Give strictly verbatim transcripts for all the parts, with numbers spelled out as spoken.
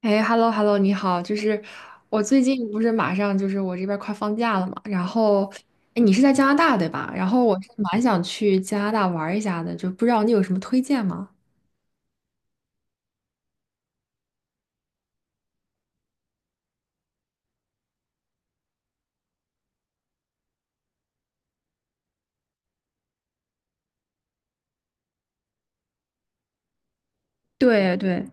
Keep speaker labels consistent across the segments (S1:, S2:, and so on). S1: 哎，hello hello，你好，就是我最近不是马上就是我这边儿快放假了嘛，然后，哎，你是在加拿大对吧？然后我是蛮想去加拿大玩儿一下的，就不知道你有什么推荐吗？对对，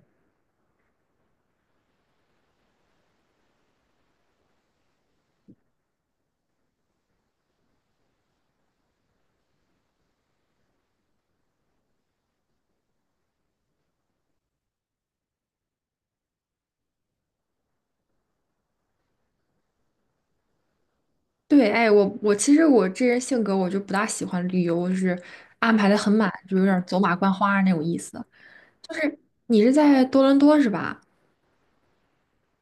S1: 对，哎，我我其实我这人性格我就不大喜欢旅游，就是安排的很满，就有点儿走马观花那种意思。就是你是在多伦多是吧？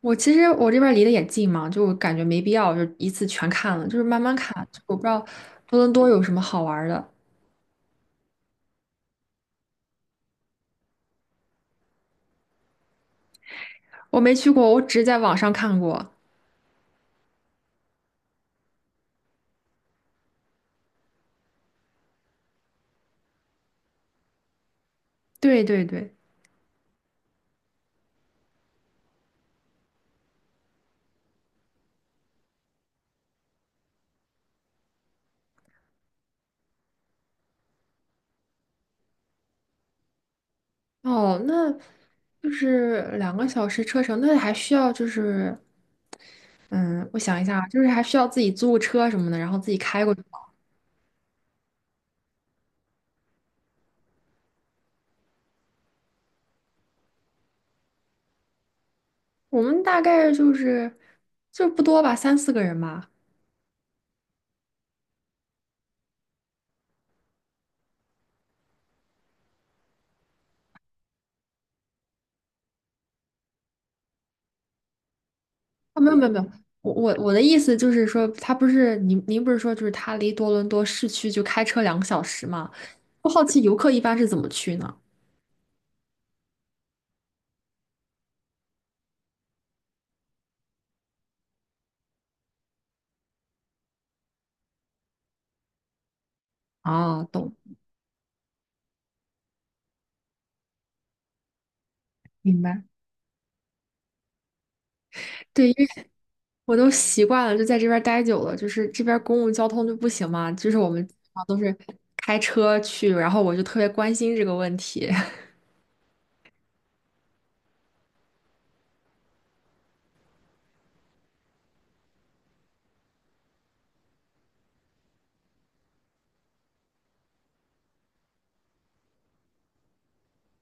S1: 我其实我这边离得也近嘛，就我感觉没必要就一次全看了，就是慢慢看。我不知道多伦多有什么好玩儿的。我没去过，我只在网上看过。对对对，哦，那就是两个小时车程，那还需要就是，嗯，我想一下啊，就是还需要自己租个车什么的，然后自己开过去吗。我们大概就是就不多吧，三四个人吧。啊、没有没有没有，我我我的意思就是说，他不是您您不是说就是他离多伦多市区就开车两个小时吗？我好奇游客一般是怎么去呢？啊，懂，明白。对。我都习惯了，就在这边儿待久了，就是这边儿公共交通就不行嘛，就是我们基本上都是开车去，然后我就特别关心这个问题。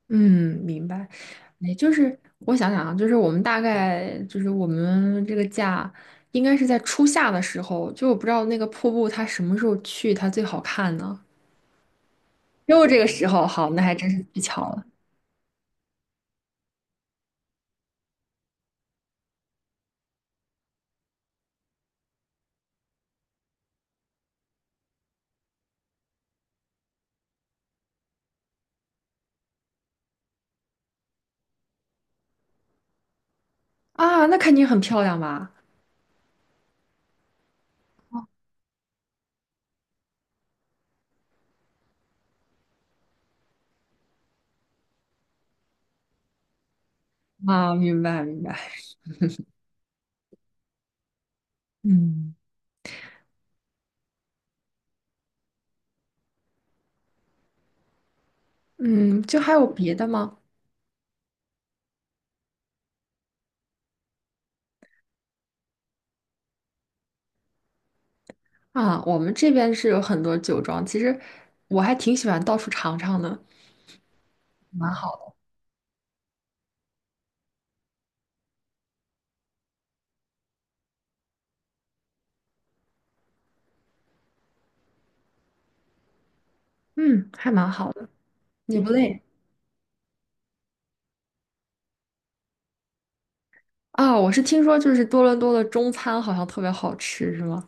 S1: 嗯，明白。也就是我想想啊，就是我们大概就是我们这个假应该是在初夏的时候，就我不知道那个瀑布它什么时候去它最好看呢？又这个时候，好，那还真是太巧了啊，那肯定很漂亮吧？啊，明白明白。嗯嗯，就还有别的吗？啊，我们这边是有很多酒庄，其实我还挺喜欢到处尝尝的，蛮好，嗯，还蛮好的，也不累。啊，我是听说就是多伦多的中餐好像特别好吃，是吗？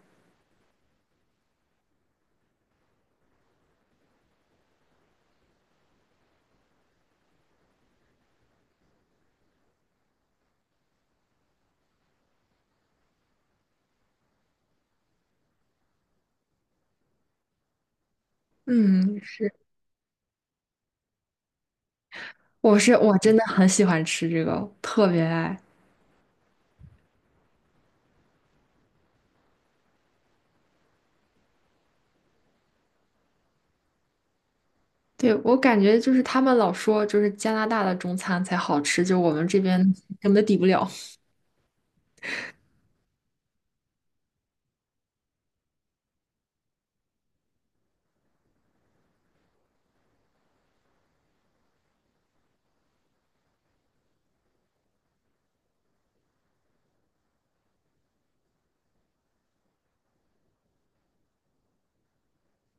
S1: 嗯，是，我是我真的很喜欢吃这个，特别爱。对，我感觉就是他们老说就是加拿大的中餐才好吃，就我们这边根本抵不了，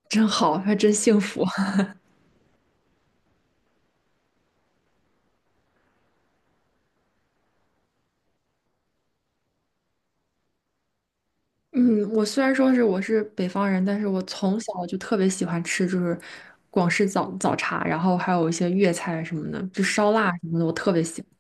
S1: 真好，还真幸福。嗯，我虽然说是我是北方人，但是我从小就特别喜欢吃，就是广式早早茶，然后还有一些粤菜什么的，就烧腊什么的，我特别喜欢。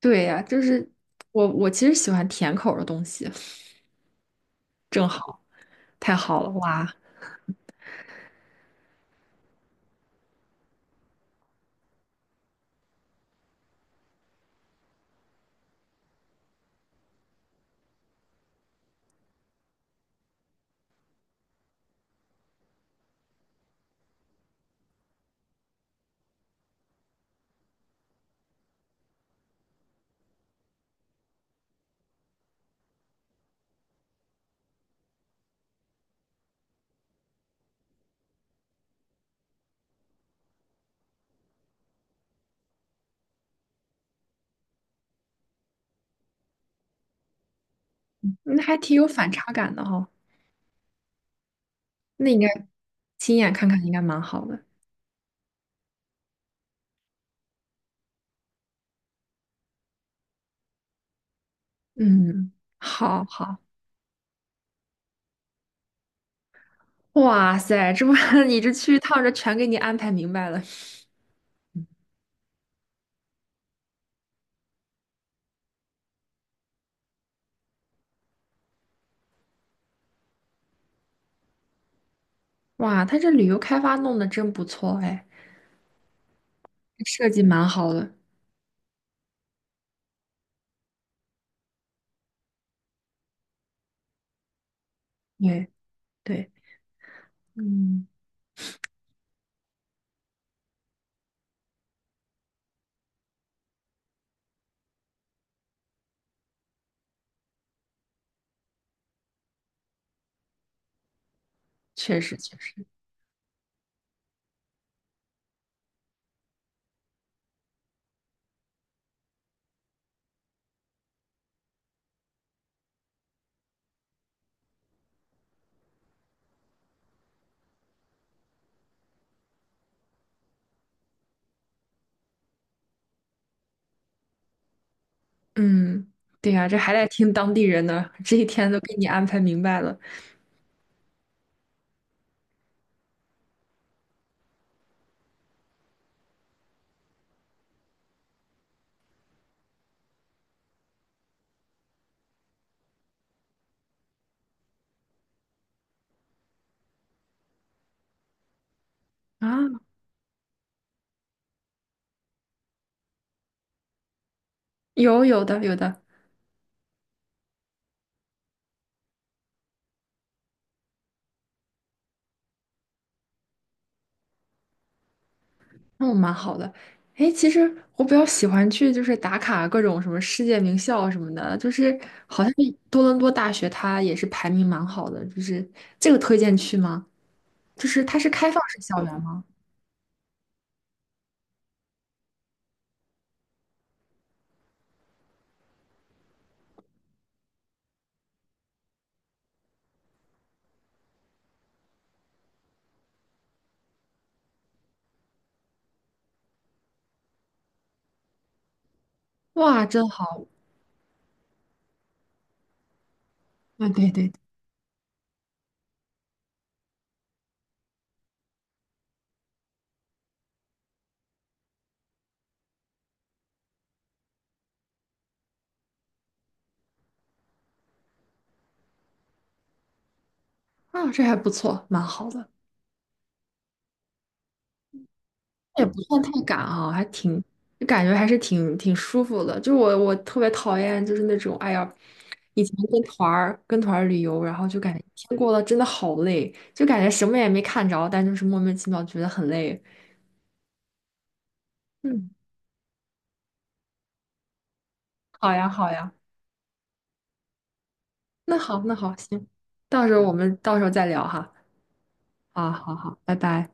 S1: 对呀，就是我我其实喜欢甜口儿的东西，正好，太好了，哇，那还挺有反差感的哈、那应该亲眼看看应该蛮好的。嗯，好好，哇塞，这不 你这去一趟，这全给你安排明白了。哇，他这旅游开发弄得真不错哎，这设计蛮好的。对对，嗯，确实确实，嗯，对呀，这还得听当地人的，这一天都给你安排明白了啊。有有的有的，那我蛮好的。哎，其实我比较喜欢去就是打卡各种什么世界名校什么的，就是好像多伦多大学它也是排名蛮好的，就是这个推荐去吗？就是它是开放式校园吗？哇，真好！啊，对对对，啊，这还不错，蛮好的。也不算太赶啊，还挺，就感觉还是挺挺舒服的。就是我我特别讨厌就是那种，哎呀，以前跟团儿跟团儿旅游，然后就感觉一天过得真的好累，就感觉什么也没看着，但就是莫名其妙觉得很累。嗯，好呀好呀，那好那好，行，到时候我们到时候再聊哈。啊，好好，拜拜。